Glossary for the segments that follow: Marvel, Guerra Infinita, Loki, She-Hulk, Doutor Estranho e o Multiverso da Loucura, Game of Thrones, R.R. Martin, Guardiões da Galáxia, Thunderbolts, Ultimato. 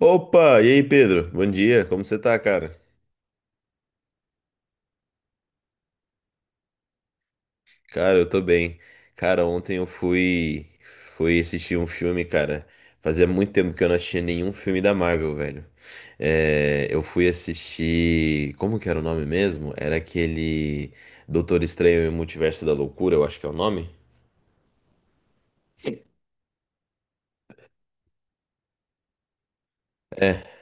Opa, e aí Pedro? Bom dia, como você tá, cara? Cara, eu tô bem. Cara, ontem eu fui assistir um filme, cara. Fazia muito tempo que eu não assistia nenhum filme da Marvel, velho. É, eu fui assistir, como que era o nome mesmo? Era aquele Doutor Estranho e o Multiverso da Loucura, eu acho que é o nome. É,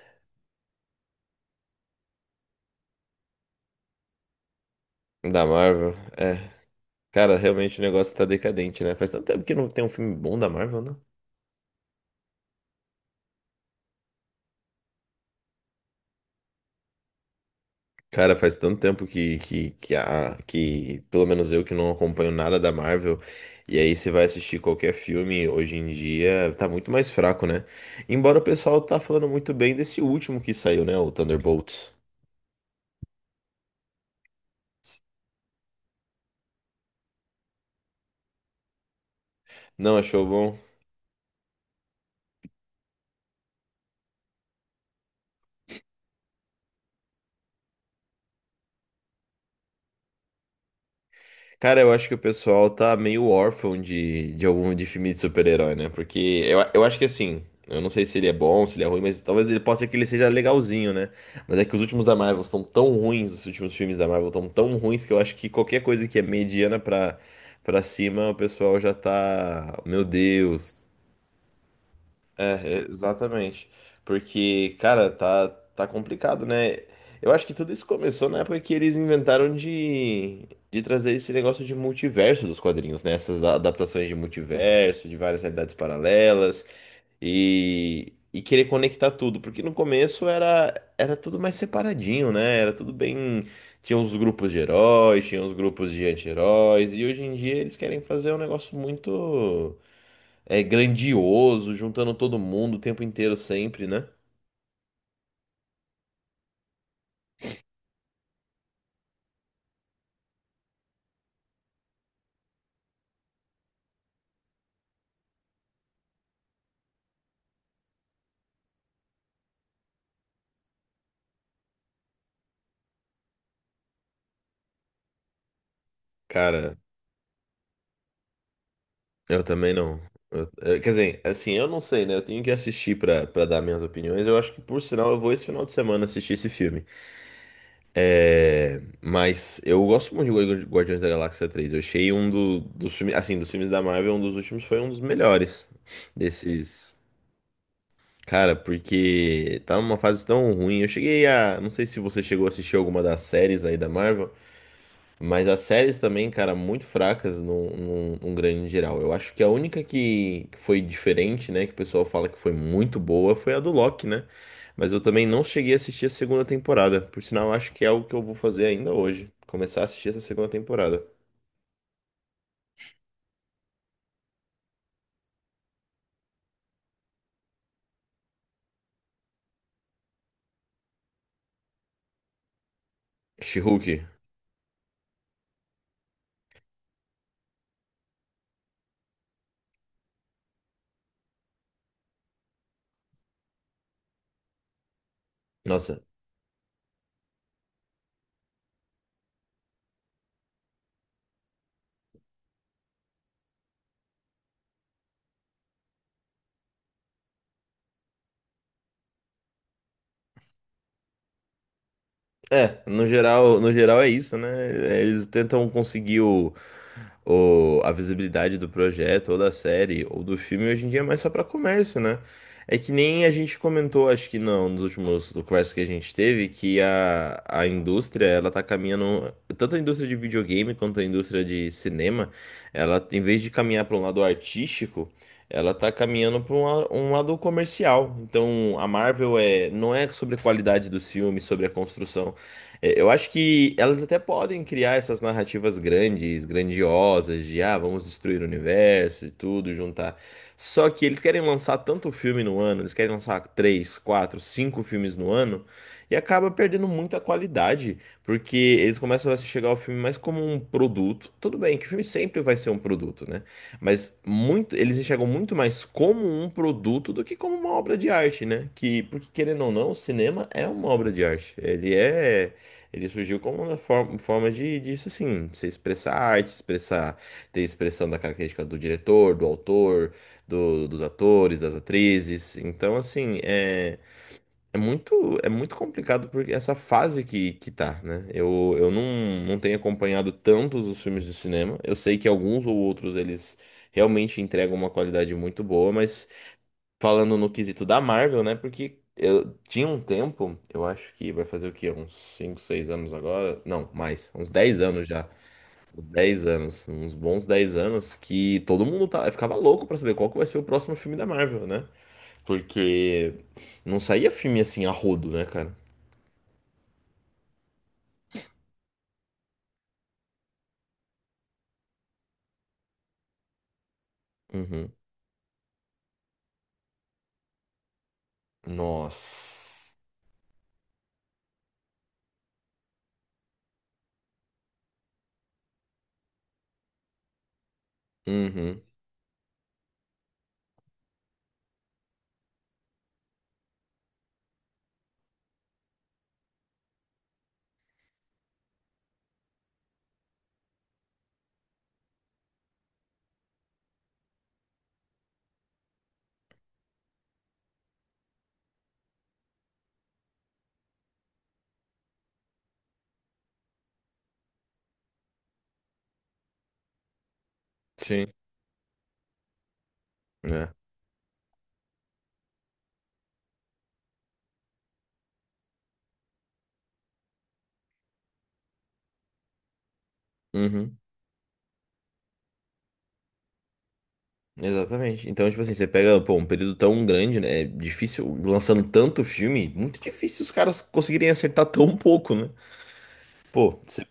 da Marvel. É. Cara, realmente o negócio tá decadente, né? Faz tanto tempo que não tem um filme bom da Marvel, né? Cara, faz tanto tempo que, pelo menos eu que não acompanho nada da Marvel, e aí você vai assistir qualquer filme hoje em dia, tá muito mais fraco, né? Embora o pessoal tá falando muito bem desse último que saiu, né? O Thunderbolts. Não achou bom? Cara, eu acho que o pessoal tá meio órfão de algum de filme de super-herói, né? Porque eu acho que assim, eu não sei se ele é bom, se ele é ruim, mas talvez ele possa ser que ele seja legalzinho, né? Mas é que os últimos da Marvel estão tão ruins, os últimos filmes da Marvel estão tão ruins que eu acho que qualquer coisa que é mediana pra cima, o pessoal já tá. Meu Deus. É, exatamente. Porque, cara, tá complicado, né? Eu acho que tudo isso começou na época que eles inventaram de trazer esse negócio de multiverso dos quadrinhos, né? Essas adaptações de multiverso, de várias realidades paralelas e querer conectar tudo. Porque no começo era tudo mais separadinho, né? Era tudo bem. Tinha uns grupos de heróis, tinha uns grupos de anti-heróis, e hoje em dia eles querem fazer um negócio muito grandioso, juntando todo mundo o tempo inteiro sempre, né? Cara, eu também não. Quer dizer, assim, eu não sei, né? Eu tenho que assistir pra dar minhas opiniões. Eu acho que, por sinal, eu vou esse final de semana assistir esse filme. É, mas eu gosto muito de Guardiões da Galáxia três. Eu achei um dos filmes, assim, dos filmes da Marvel, um dos últimos foi um dos melhores desses. Cara, porque tá numa fase tão ruim. Eu cheguei a. Não sei se você chegou a assistir alguma das séries aí da Marvel. Mas as séries também, cara, muito fracas num grande geral. Eu acho que a única que foi diferente, né? Que o pessoal fala que foi muito boa, foi a do Loki, né? Mas eu também não cheguei a assistir a segunda temporada. Por sinal, eu acho que é algo que eu vou fazer ainda hoje. Começar a assistir essa segunda temporada. She-Hulk. Nossa. É, no geral é isso, né? É, eles tentam conseguir ou a visibilidade do projeto, ou da série, ou do filme, hoje em dia é mais só para comércio, né? É que nem a gente comentou, acho que não, nos últimos conversas que a gente teve, que a indústria, ela tá caminhando, tanto a indústria de videogame quanto a indústria de cinema, ela, em vez de caminhar para um lado artístico, ela tá caminhando para um lado comercial. Então, a Marvel é, não é sobre a qualidade dos filmes, sobre a construção. É, eu acho que elas até podem criar essas narrativas grandes, grandiosas, de ah, vamos destruir o universo e tudo, juntar. Só que eles querem lançar tanto filme no ano, eles querem lançar três, quatro, cinco filmes no ano, e acaba perdendo muita qualidade, porque eles começam a se chegar ao filme mais como um produto. Tudo bem, que o filme sempre vai ser um produto, né? Mas muito, eles enxergam muito mais como um produto do que como uma obra de arte, né? Que, porque querendo ou não, o cinema é uma obra de arte. Ele é. Ele surgiu como uma forma de, disso, assim, se expressar arte, expressar, ter expressão da característica do diretor, do autor, dos atores, das atrizes. Então, assim, é muito complicado porque essa fase que tá, né? Eu não tenho acompanhado tantos os filmes de cinema. Eu sei que alguns ou outros eles realmente entregam uma qualidade muito boa, mas falando no quesito da Marvel, né? Porque eu tinha um tempo, eu acho que vai fazer o quê? Uns 5, 6 anos agora? Não, mais, uns 10 anos já. Uns 10 anos, uns bons 10 anos que todo mundo tá, ficava louco pra saber qual que vai ser o próximo filme da Marvel, né? Porque não saía filme assim a rodo, né, cara? Uhum. Nossa. Uhum. Sim, né? Uhum. Exatamente. Então, tipo assim, você pega, pô, um período tão grande, né? É difícil, lançando tanto filme, muito difícil os caras conseguirem acertar tão pouco, né? Pô, você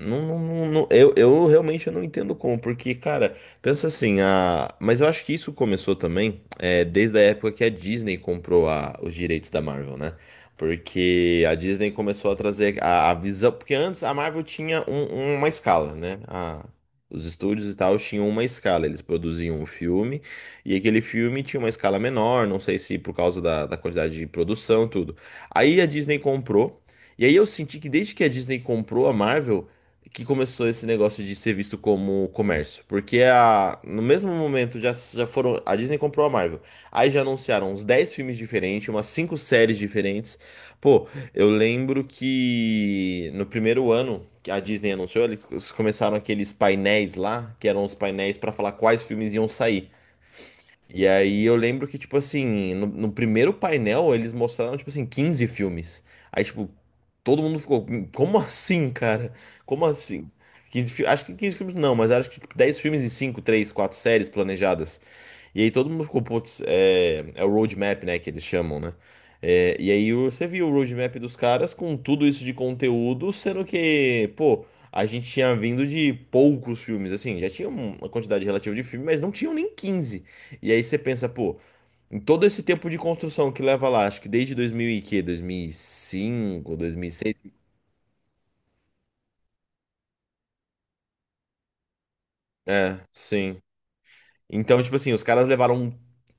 não, não, não- não- eu realmente não entendo como, porque, cara, pensa assim, mas eu acho que isso começou também desde a época que a Disney comprou os direitos da Marvel, né? Porque a Disney começou a trazer a visão, porque antes a Marvel tinha uma escala, né? Os estúdios e tal tinham uma escala, eles produziam um filme e aquele filme tinha uma escala menor, não sei se por causa da quantidade de produção, tudo. Aí a Disney comprou, e aí eu senti que desde que a Disney comprou a Marvel, que começou esse negócio de ser visto como comércio. Porque a, no mesmo momento já foram. A Disney comprou a Marvel. Aí já anunciaram uns 10 filmes diferentes, umas 5 séries diferentes. Pô, eu lembro que no primeiro ano que a Disney anunciou, eles começaram aqueles painéis lá, que eram os painéis para falar quais filmes iam sair. E aí eu lembro que, tipo assim, no primeiro painel eles mostraram, tipo assim, 15 filmes. Aí, tipo, todo mundo ficou, como assim, cara? Como assim? 15, acho que 15 filmes não, mas acho que tipo, 10 filmes e 5 3 4 séries planejadas. E aí todo mundo ficou, putz, é o roadmap, né, que eles chamam, né? É, e aí você viu o roadmap dos caras com tudo isso de conteúdo, sendo que, pô, a gente tinha vindo de poucos filmes, assim, já tinha uma quantidade relativa de filme, mas não tinham nem 15. E aí você pensa, pô, em todo esse tempo de construção que leva lá, acho que desde 2000 e quê? 2005, 2006? É, sim. Então, tipo assim, os caras levaram um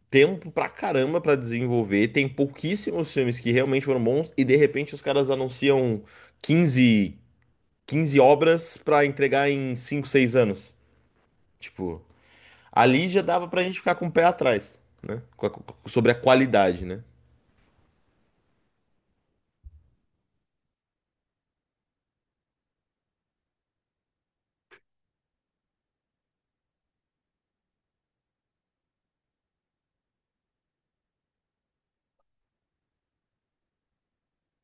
tempo pra caramba pra desenvolver, tem pouquíssimos filmes que realmente foram bons e de repente os caras anunciam 15, 15 obras pra entregar em 5 6 anos. Tipo, ali já dava pra gente ficar com o pé atrás, né? Sobre a qualidade, né?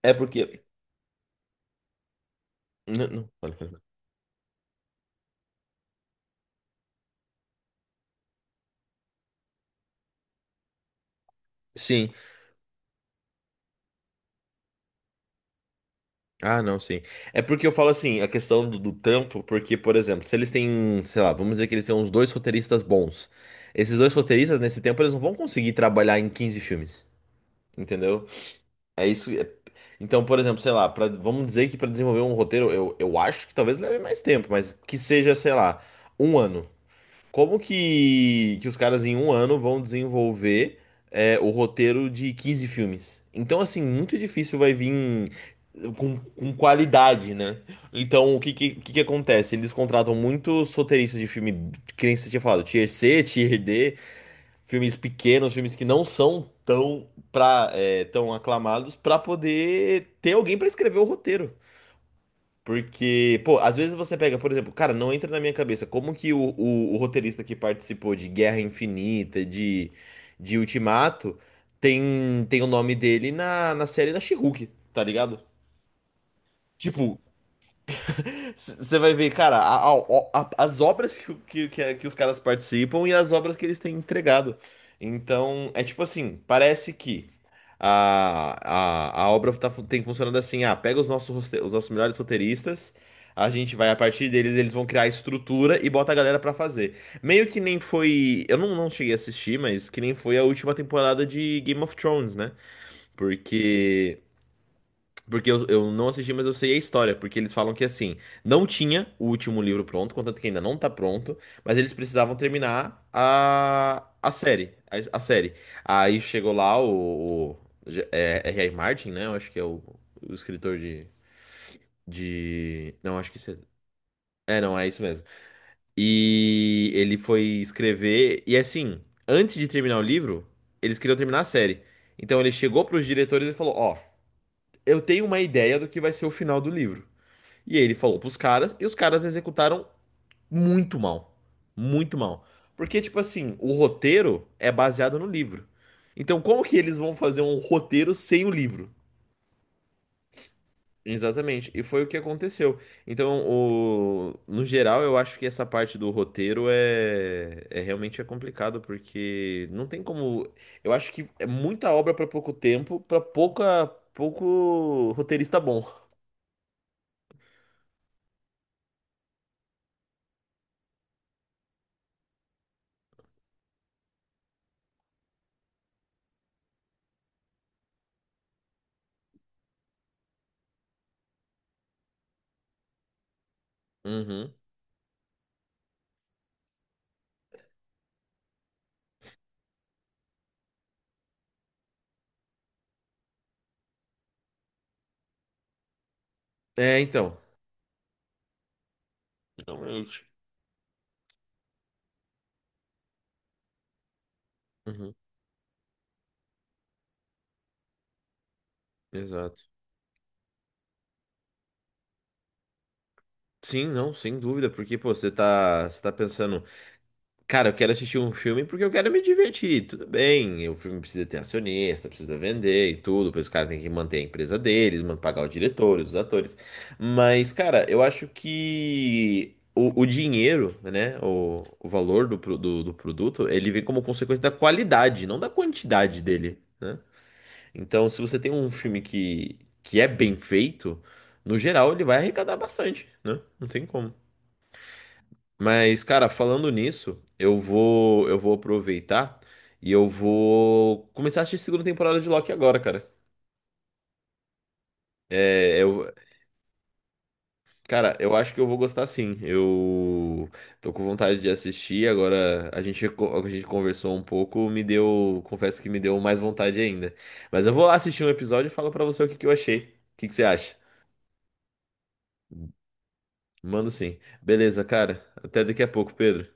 É porque. Não, não, fala, fala, fala. Sim, ah, não, sim. É porque eu falo assim, a questão do trampo, porque, por exemplo, se eles têm, sei lá, vamos dizer que eles têm uns dois roteiristas bons. Esses dois roteiristas, nesse tempo, eles não vão conseguir trabalhar em 15 filmes, entendeu? É isso. Então, por exemplo, sei lá, pra, vamos dizer que para desenvolver um roteiro, eu acho que talvez leve mais tempo, mas que seja, sei lá, um ano. Como que os caras em um ano vão desenvolver o roteiro de 15 filmes? Então, assim, muito difícil vai vir com qualidade, né? Então, o que que acontece? Eles contratam muitos roteiristas de filme, que nem você tinha falado, Tier C, Tier D, filmes pequenos, filmes que não são tão, tão aclamados, pra poder ter alguém pra escrever o roteiro. Porque, pô, às vezes você pega, por exemplo, cara, não entra na minha cabeça como que o roteirista que participou de Guerra Infinita, de Ultimato, tem o nome dele na série da She-Hulk, tá ligado? Tipo, você vai ver, cara, as obras que, o- que, que, é- que os caras participam e as obras que eles têm entregado. Então, é tipo assim, parece que a obra tá, tem funcionando assim, ah, pega os nossos, os nossos melhores roteiristas, a gente vai, a partir deles, eles vão criar a estrutura e bota a galera pra fazer. Meio que nem foi, eu não cheguei a assistir, mas que nem foi a última temporada de Game of Thrones, né? Porque... Porque eu não assisti, mas eu sei a história. Porque eles falam que assim, não tinha o último livro pronto, contanto que ainda não tá pronto, mas eles precisavam terminar a série. A série. Aí chegou lá o R.R. Martin, né? Eu acho que é o escritor de. Não, acho que isso é. É, não, é isso mesmo. E ele foi escrever. E assim, antes de terminar o livro, eles queriam terminar a série. Então ele chegou pros diretores e falou: Ó, eu tenho uma ideia do que vai ser o final do livro. E ele falou pros caras, e os caras executaram muito mal. Muito mal. Porque, tipo assim, o roteiro é baseado no livro. Então, como que eles vão fazer um roteiro sem o livro? Exatamente. E foi o que aconteceu. Então, no geral, eu acho que essa parte do roteiro é realmente é complicado, porque não tem como. Eu acho que é muita obra pra pouco tempo, pra pouco roteirista bom. Uhum. É, então. Realmente. Uhum. Exato. Sim, não, sem dúvida, porque, pô, você tá pensando, cara, eu quero assistir um filme porque eu quero me divertir, tudo bem, o filme precisa ter acionista, precisa vender e tudo, pois os caras têm que manter a empresa deles, pagar os diretores, os atores, mas, cara, eu acho que o dinheiro, né, o valor do produto, ele vem como consequência da qualidade, não da quantidade dele, né? Então, se você tem um filme que é bem feito, no geral, ele vai arrecadar bastante, né? Não tem como. Mas, cara, falando nisso, eu vou aproveitar e eu vou começar a assistir a segunda temporada de Loki agora, cara. É, eu, cara, eu acho que eu vou gostar sim. Eu tô com vontade de assistir. Agora a gente conversou um pouco, me deu, confesso que me deu mais vontade ainda. Mas eu vou lá assistir um episódio e falo pra você o que que eu achei. O que que você acha? Mando sim. Beleza, cara. Até daqui a pouco, Pedro.